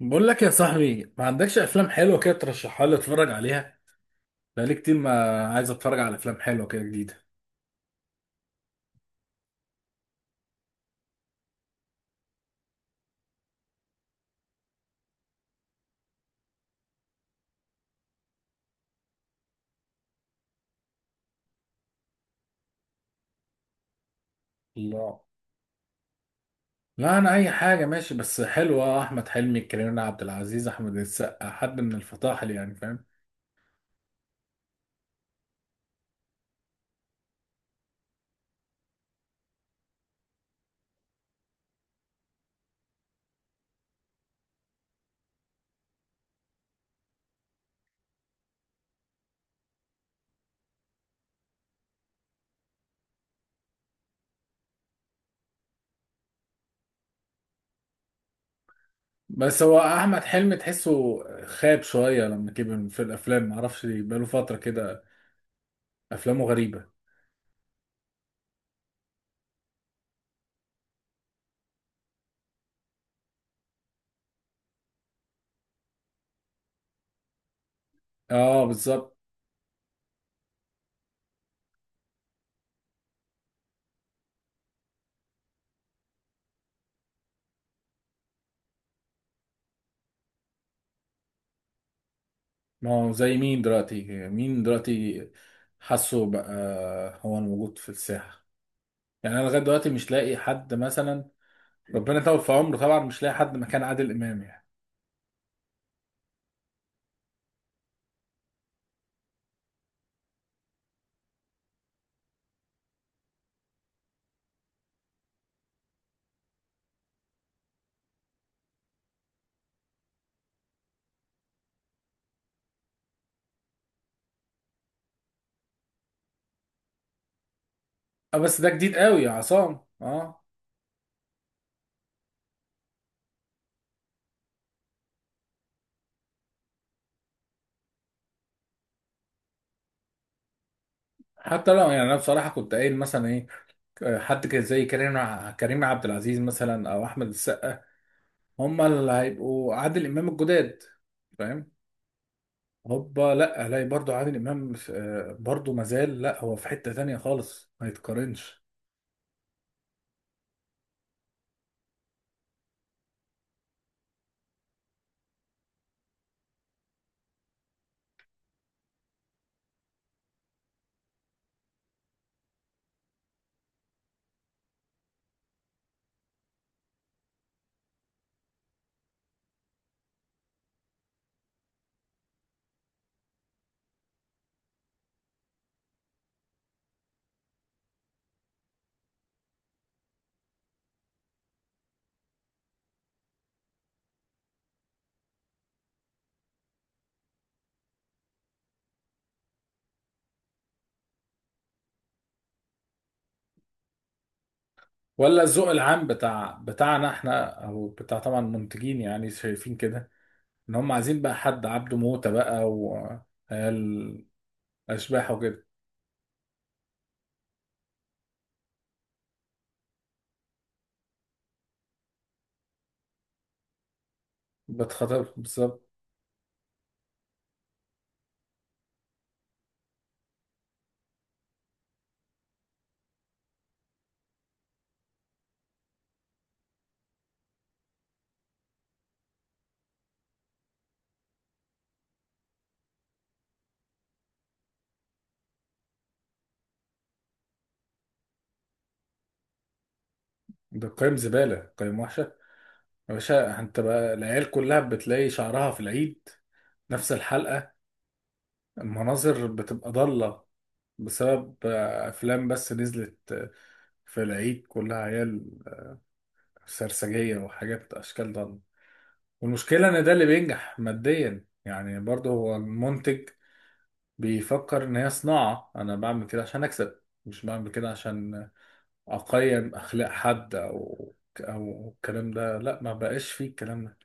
بقول لك يا صاحبي، ما عندكش افلام حلوه كده ترشحها لي اتفرج عليها؟ بقالي كتير ما عايز اتفرج على افلام حلوه كده جديده. الله. لا، انا اي حاجه ماشي بس حلوه. احمد حلمي، كريم عبد العزيز، احمد السقا، حد من الفطاحل يعني، فاهم؟ بس هو احمد حلمي تحسه خاب شويه لما كبر في الافلام، ما اعرفش ليه، بقاله فتره كده. افلامه غريبه. اه بالظبط. ما هو زي مين دلوقتي؟ مين دلوقتي؟ حاسه بقى. هو الموجود في الساحه. يعني انا لغايه دلوقتي مش لاقي حد مثلا. ربنا يطول في عمره طبعا، مش لاقي حد مكان عادل امام يعني. اه بس ده جديد قوي يا عصام اه. حتى لو، يعني انا بصراحه كنت قايل مثلا ايه، حد كده زي كريم كريم عبد العزيز مثلا او احمد السقا. هم اللي هيبقوا عادل امام الجداد، فاهم؟ هوبا، لا الاقي برضو عادل امام برضو مازال، لا هو في حته تانية خالص ما يتقارنش. ولا الذوق العام بتاعنا احنا او بتاع طبعا المنتجين يعني شايفين كده ان هم عايزين بقى حد عبده موته بقى، و اشباح وكده. بتخاطر بالظبط. ده قيم زباله، قيم وحشه. يا باشا، انت بقى العيال كلها بتلاقي شعرها في العيد نفس الحلقه. المناظر بتبقى ضاله بسبب افلام بس نزلت، في العيد كلها عيال سرسجيه وحاجات اشكال ضاله. والمشكله ان ده اللي بينجح ماديا يعني، برضه هو المنتج بيفكر ان هي صناعه. انا بعمل كده عشان اكسب، مش بعمل كده عشان اقيم اخلاق حد، او او الكلام ده. لا ما بقاش فيه الكلام ده.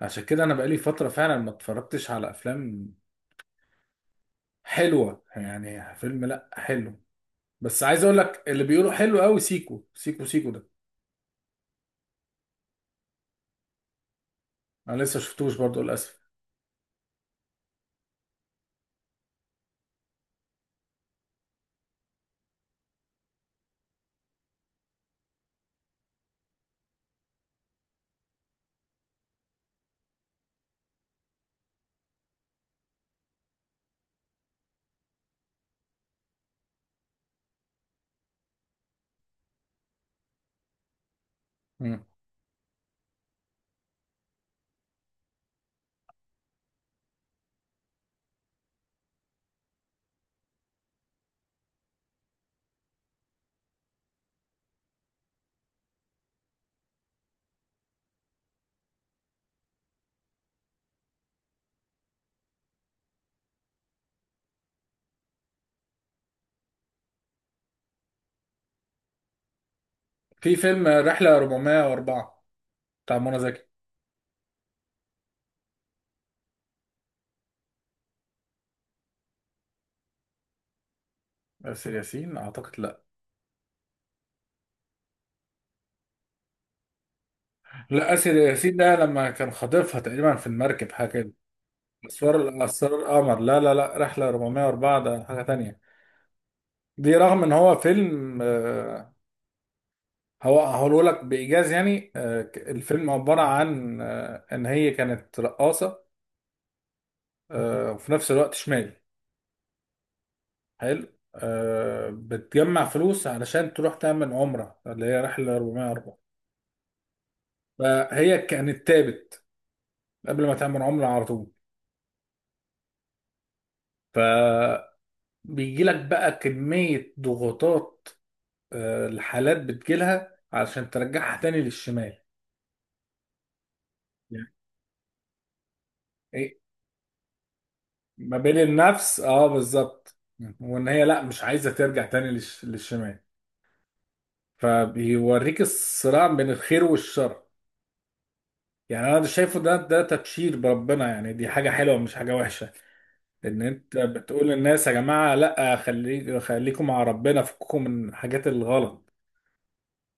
عشان كده انا بقالي فتره فعلا ما اتفرجتش على افلام حلوه. يعني فيلم لا حلو، بس عايز اقول لك اللي بيقولوا حلو قوي، سيكو سيكو سيكو ده انا لسه شفتوش برضو للاسف. مم. في فيلم رحله 404 بتاع منى زكي. آسر ياسين اعتقد، لا. لا، آسر ياسين ده لما كان خاطفها تقريبا في المركب، حاجه كده. اسرار القمر، لا لا لا، رحله 404 ده حاجه تانية. دي رغم ان هو فيلم، هو هقوله لك بايجاز يعني، الفيلم عباره عن، ان هي كانت رقاصه، وفي نفس الوقت شمال. حلو. بتجمع فلوس علشان تروح تعمل عمره، اللي هي رحله 404. فهي كانت تابت قبل ما تعمل عمره على طول. فبيجي لك بقى كميه ضغوطات، الحالات بتجيلها علشان ترجعها تاني للشمال. يعني إيه؟ ما بين النفس، اه بالظبط. وان هي لا، مش عايزه ترجع تاني للشمال. فبيوريك الصراع بين الخير والشر. يعني انا ده شايفه ده تبشير بربنا يعني، دي حاجه حلوه مش حاجه وحشه. ان انت بتقول للناس يا جماعه، لا خليك خليكم مع ربنا، فككم من الحاجات الغلط.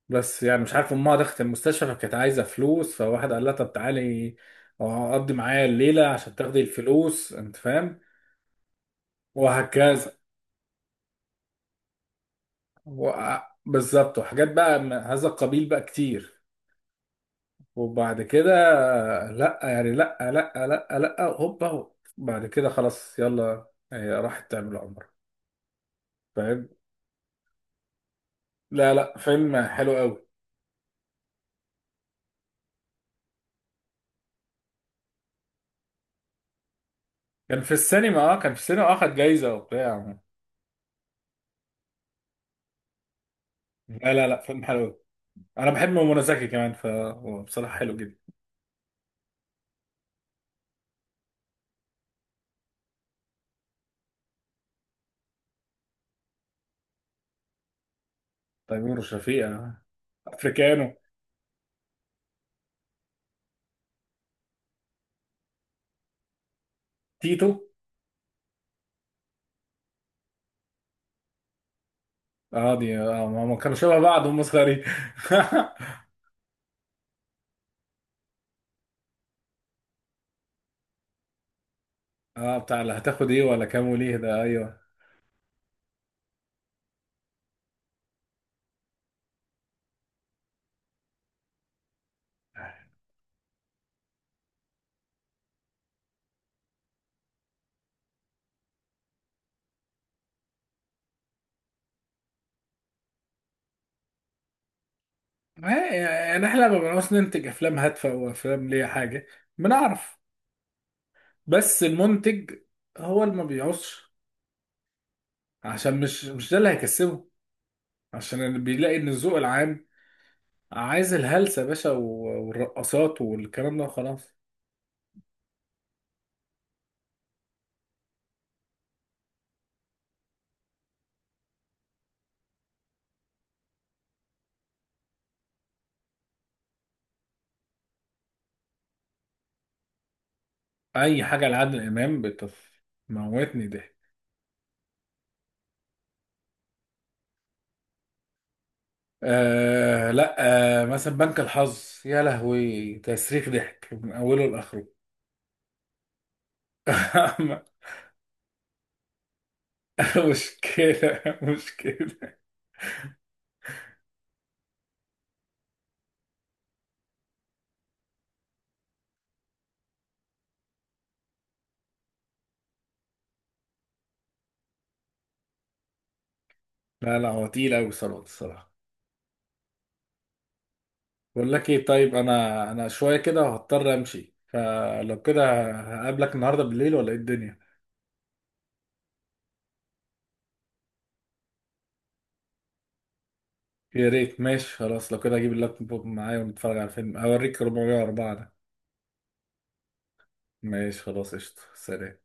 بس يعني مش عارف، امها دخلت المستشفى فكانت عايزه فلوس، فواحد قال لها طب تعالي اقضي معايا الليله عشان تاخدي الفلوس، انت فاهم. وهكذا. و- بالظبط، وحاجات بقى من هذا القبيل بقى كتير. وبعد كده، لا يعني لا لا لا لا، هوبا هوب. بعد كده خلاص يلا، هي راحت تعمل عمرة، فاهم. لا لا، فيلم حلو قوي. كان في السينما، اه كان في السينما آه، خد جايزة وبتاع. لا لا لا، فيلم حلو قوي. انا بحب منى زكي كمان، فهو بصراحة حلو جدا. تيمور وشفيقة آه. افريكانو. تيتو. اه دي اه، ما كانوا شبه بعض هم صغيرين اه بتاع اللي هتاخد ايه ولا كام وليه ده، ايوه. يعني احنا ما بنعرفش ننتج افلام هادفه او افلام ليها حاجه. بنعرف، بس المنتج هو اللي ما بيعوزش عشان مش ده اللي هيكسبه. عشان اللي بيلاقي ان الذوق العام عايز الهلسه يا باشا، و- والرقصات والكلام ده وخلاص. اي حاجه لعادل امام بتموتني ضحك. آه لا. آه مثلا بنك الحظ، يا لهوي، تسريخ ضحك من اوله لاخره مشكله مشكله. لا لا، هو تقيل قوي الصراحه الصراحة. بقول لك ايه، طيب انا شويه كده هضطر امشي، فلو كده هقابلك النهارده بالليل ولا ايه الدنيا؟ يا ريت، ماشي خلاص، لو كده اجيب اللابتوب معايا ونتفرج على فيلم اوريك 404 ده. ماشي خلاص قشطه سلام.